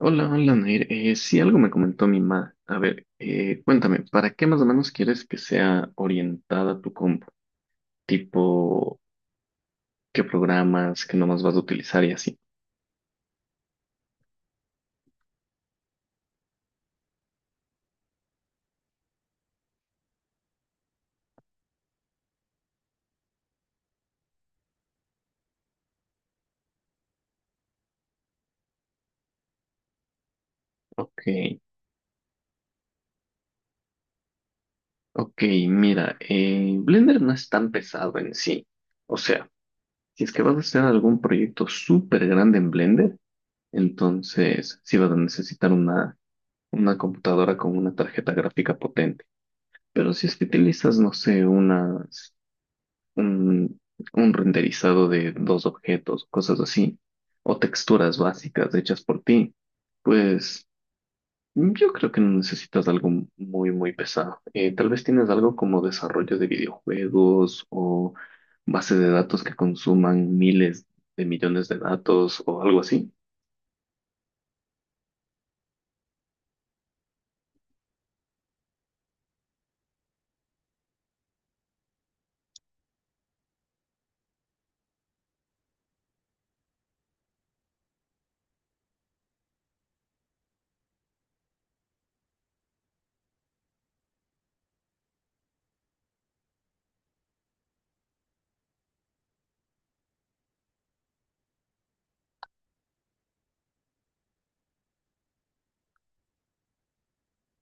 Hola, hola, Nair. Sí, algo me comentó mi mamá. A ver, cuéntame, ¿para qué más o menos quieres que sea orientada tu compu? Tipo, ¿qué programas, qué nomás vas a utilizar y así? Ok, ok, mira, Blender no es tan pesado en sí. O sea, si es que vas a hacer algún proyecto súper grande en Blender, entonces sí vas a necesitar una computadora con una tarjeta gráfica potente. Pero si es que utilizas, no sé, un, un renderizado de dos objetos, cosas así, o texturas básicas hechas por ti, pues yo creo que no necesitas algo muy, muy pesado. Tal vez tienes algo como desarrollo de videojuegos o base de datos que consuman miles de millones de datos o algo así.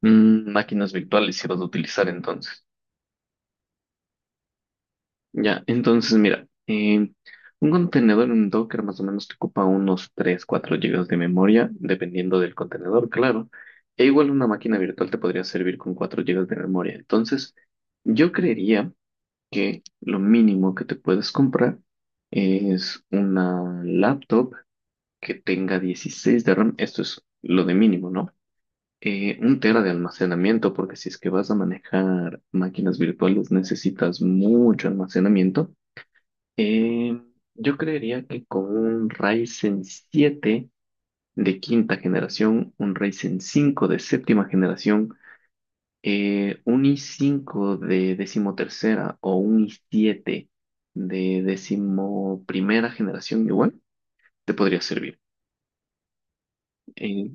Máquinas virtuales si vas a utilizar entonces. Ya, entonces mira, un contenedor en Docker más o menos te ocupa unos 3, 4 gigas de memoria, dependiendo del contenedor, claro. E igual una máquina virtual te podría servir con 4 gigas de memoria. Entonces, yo creería que lo mínimo que te puedes comprar es una laptop que tenga 16 de RAM. Esto es lo de mínimo, ¿no? Un tera de almacenamiento, porque si es que vas a manejar máquinas virtuales necesitas mucho almacenamiento. Eh, yo creería que con un Ryzen 7 de quinta generación, un Ryzen 5 de séptima generación, un i5 de decimotercera o un i7 de decimoprimera generación igual, te podría servir. Eh,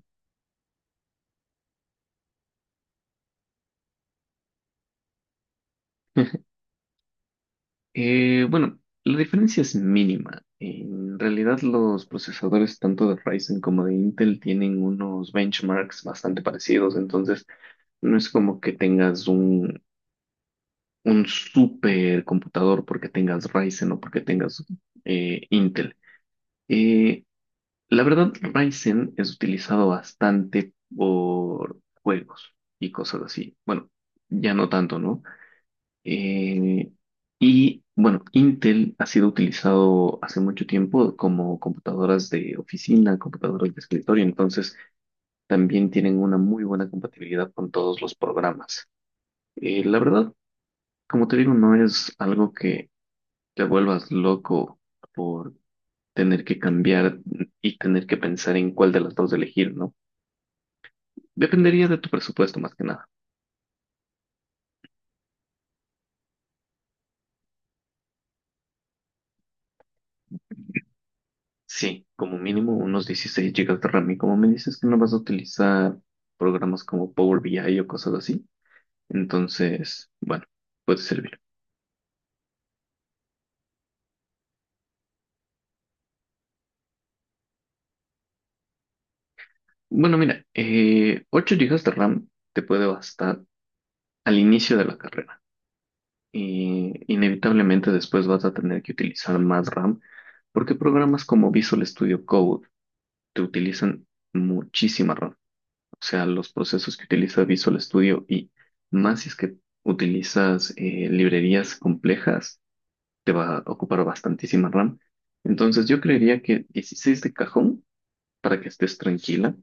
bueno, la diferencia es mínima. En realidad los procesadores tanto de Ryzen como de Intel tienen unos benchmarks bastante parecidos. Entonces, no es como que tengas un super computador porque tengas Ryzen o porque tengas Intel. Eh, la verdad, Ryzen es utilizado bastante por juegos y cosas así. Bueno, ya no tanto, ¿no? Eh, y bueno, Intel ha sido utilizado hace mucho tiempo como computadoras de oficina, computadoras de escritorio, entonces también tienen una muy buena compatibilidad con todos los programas. La verdad, como te digo, no es algo que te vuelvas loco por tener que cambiar y tener que pensar en cuál de las dos elegir, ¿no? Dependería de tu presupuesto más que nada. Sí, como mínimo unos 16 gigas de RAM y como me dices que no vas a utilizar programas como Power BI o cosas así, entonces, bueno, puede servir. Bueno, mira, 8 GB de RAM te puede bastar al inicio de la carrera. Y inevitablemente después vas a tener que utilizar más RAM porque programas como Visual Studio Code te utilizan muchísima RAM. O sea, los procesos que utiliza Visual Studio y más si es que utilizas librerías complejas, te va a ocupar bastantísima RAM. Entonces yo creería que 16 de cajón para que estés tranquila,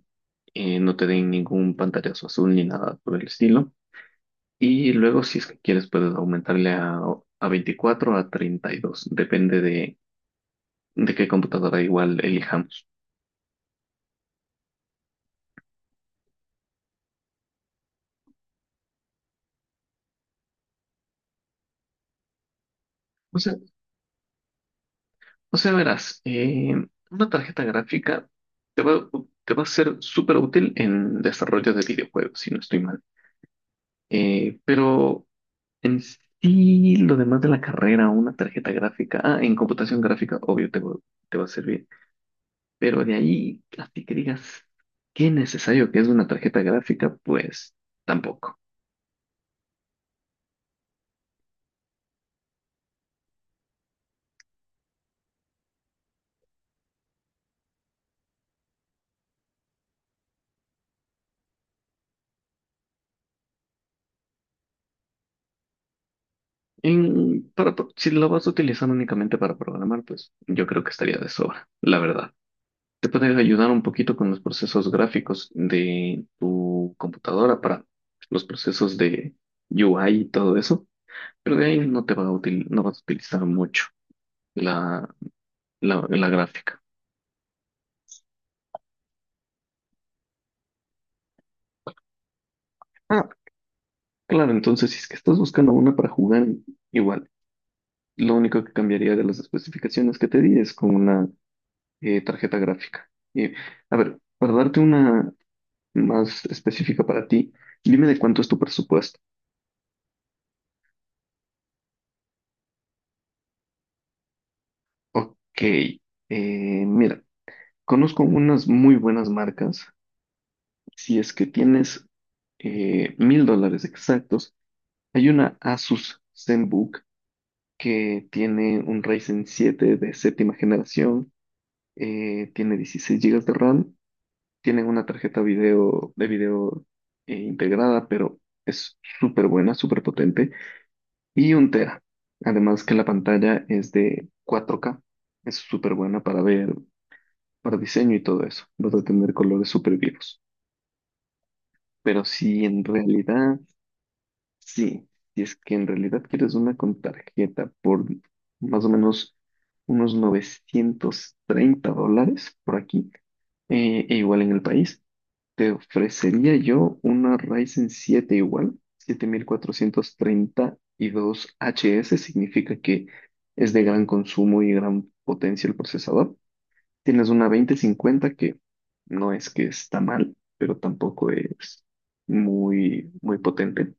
no te den ningún pantallazo azul ni nada por el estilo. Y luego, si es que quieres, puedes aumentarle a 24 a 32. Depende de qué computadora igual elijamos. O sea, o sea, verás, una tarjeta gráfica te va, te va a ser súper útil en desarrollo de videojuegos, si no estoy mal. Pero en sí, lo demás de la carrera, una tarjeta gráfica, ah, en computación gráfica, obvio, te va a servir. Pero de ahí, así que digas, qué necesario que es una tarjeta gráfica, pues tampoco. Si lo vas a utilizar únicamente para programar, pues yo creo que estaría de sobra, la verdad. Te puede ayudar un poquito con los procesos gráficos de tu computadora para los procesos de UI y todo eso, pero de ahí no te va a no vas a utilizar mucho la, la gráfica. Ah, claro, entonces si es que estás buscando una para jugar, igual. Lo único que cambiaría de las especificaciones que te di es con una tarjeta gráfica. Y, a ver, para darte una más específica para ti, dime de cuánto es tu presupuesto. Ok, eh, mira, conozco unas muy buenas marcas. Si es que tienes $1,000 exactos, hay una Asus ZenBook que tiene un Ryzen 7 de séptima generación, tiene 16 gigas de RAM, tiene una tarjeta de video integrada, pero es súper buena, súper potente. Y un tera. Además que la pantalla es de 4K, es súper buena para ver, para diseño y todo eso. Vas a tener colores súper vivos. Pero si en realidad, sí, si es que en realidad quieres una con tarjeta por más o menos unos $930 por aquí, e igual en el país. Te ofrecería yo una Ryzen 7 igual, 7432HS, significa que es de gran consumo y gran potencia el procesador. Tienes una 2050 que no es que está mal, pero tampoco es muy, muy potente.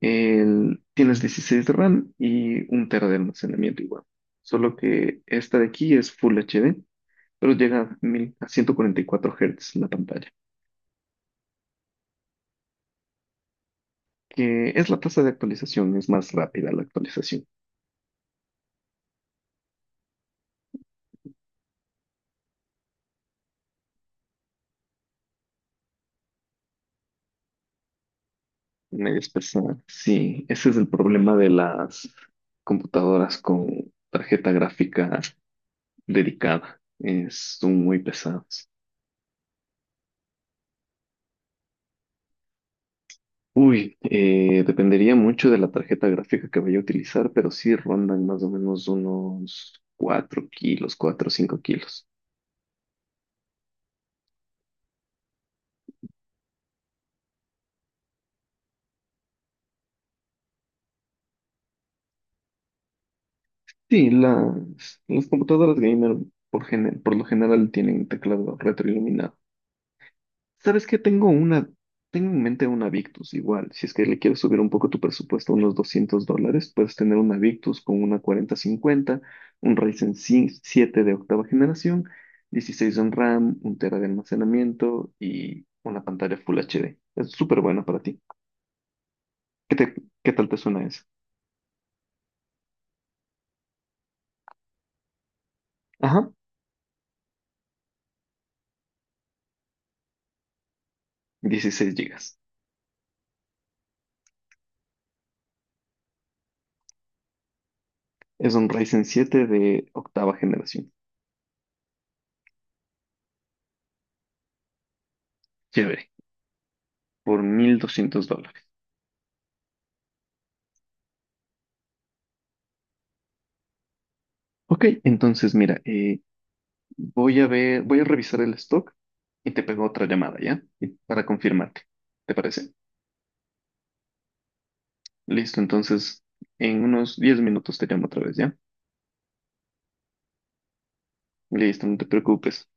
Tienes 16 de RAM y un tera de almacenamiento igual. Solo que esta de aquí es Full HD, pero llega a, 1000 a 144 Hz la pantalla, que es la tasa de actualización, es más rápida la actualización. Medias pesadas. Sí, ese es el problema de las computadoras con tarjeta gráfica dedicada. Son muy pesadas. Uy, dependería mucho de la tarjeta gráfica que vaya a utilizar, pero sí rondan más o menos unos 4 kilos, 4 o 5 kilos. Sí, las computadoras gamer por lo general tienen teclado retroiluminado. ¿Sabes qué? Tengo en mente una Victus igual. Si es que le quieres subir un poco tu presupuesto a unos $200, puedes tener una Victus con una 4050, un Ryzen 5 7 de octava generación, 16 en RAM, un tera de almacenamiento y una pantalla Full HD. Es súper buena para ti. ¿Qué qué tal te suena eso? Ajá, 16 gigas. Es un Ryzen 7 de octava generación. Chévere, por $1,200. Ok, entonces mira, voy a ver, voy a revisar el stock y te pego otra llamada, ¿ya? Para confirmarte. ¿Te parece? Listo, entonces en unos 10 minutos te llamo otra vez, ¿ya? Listo, no te preocupes.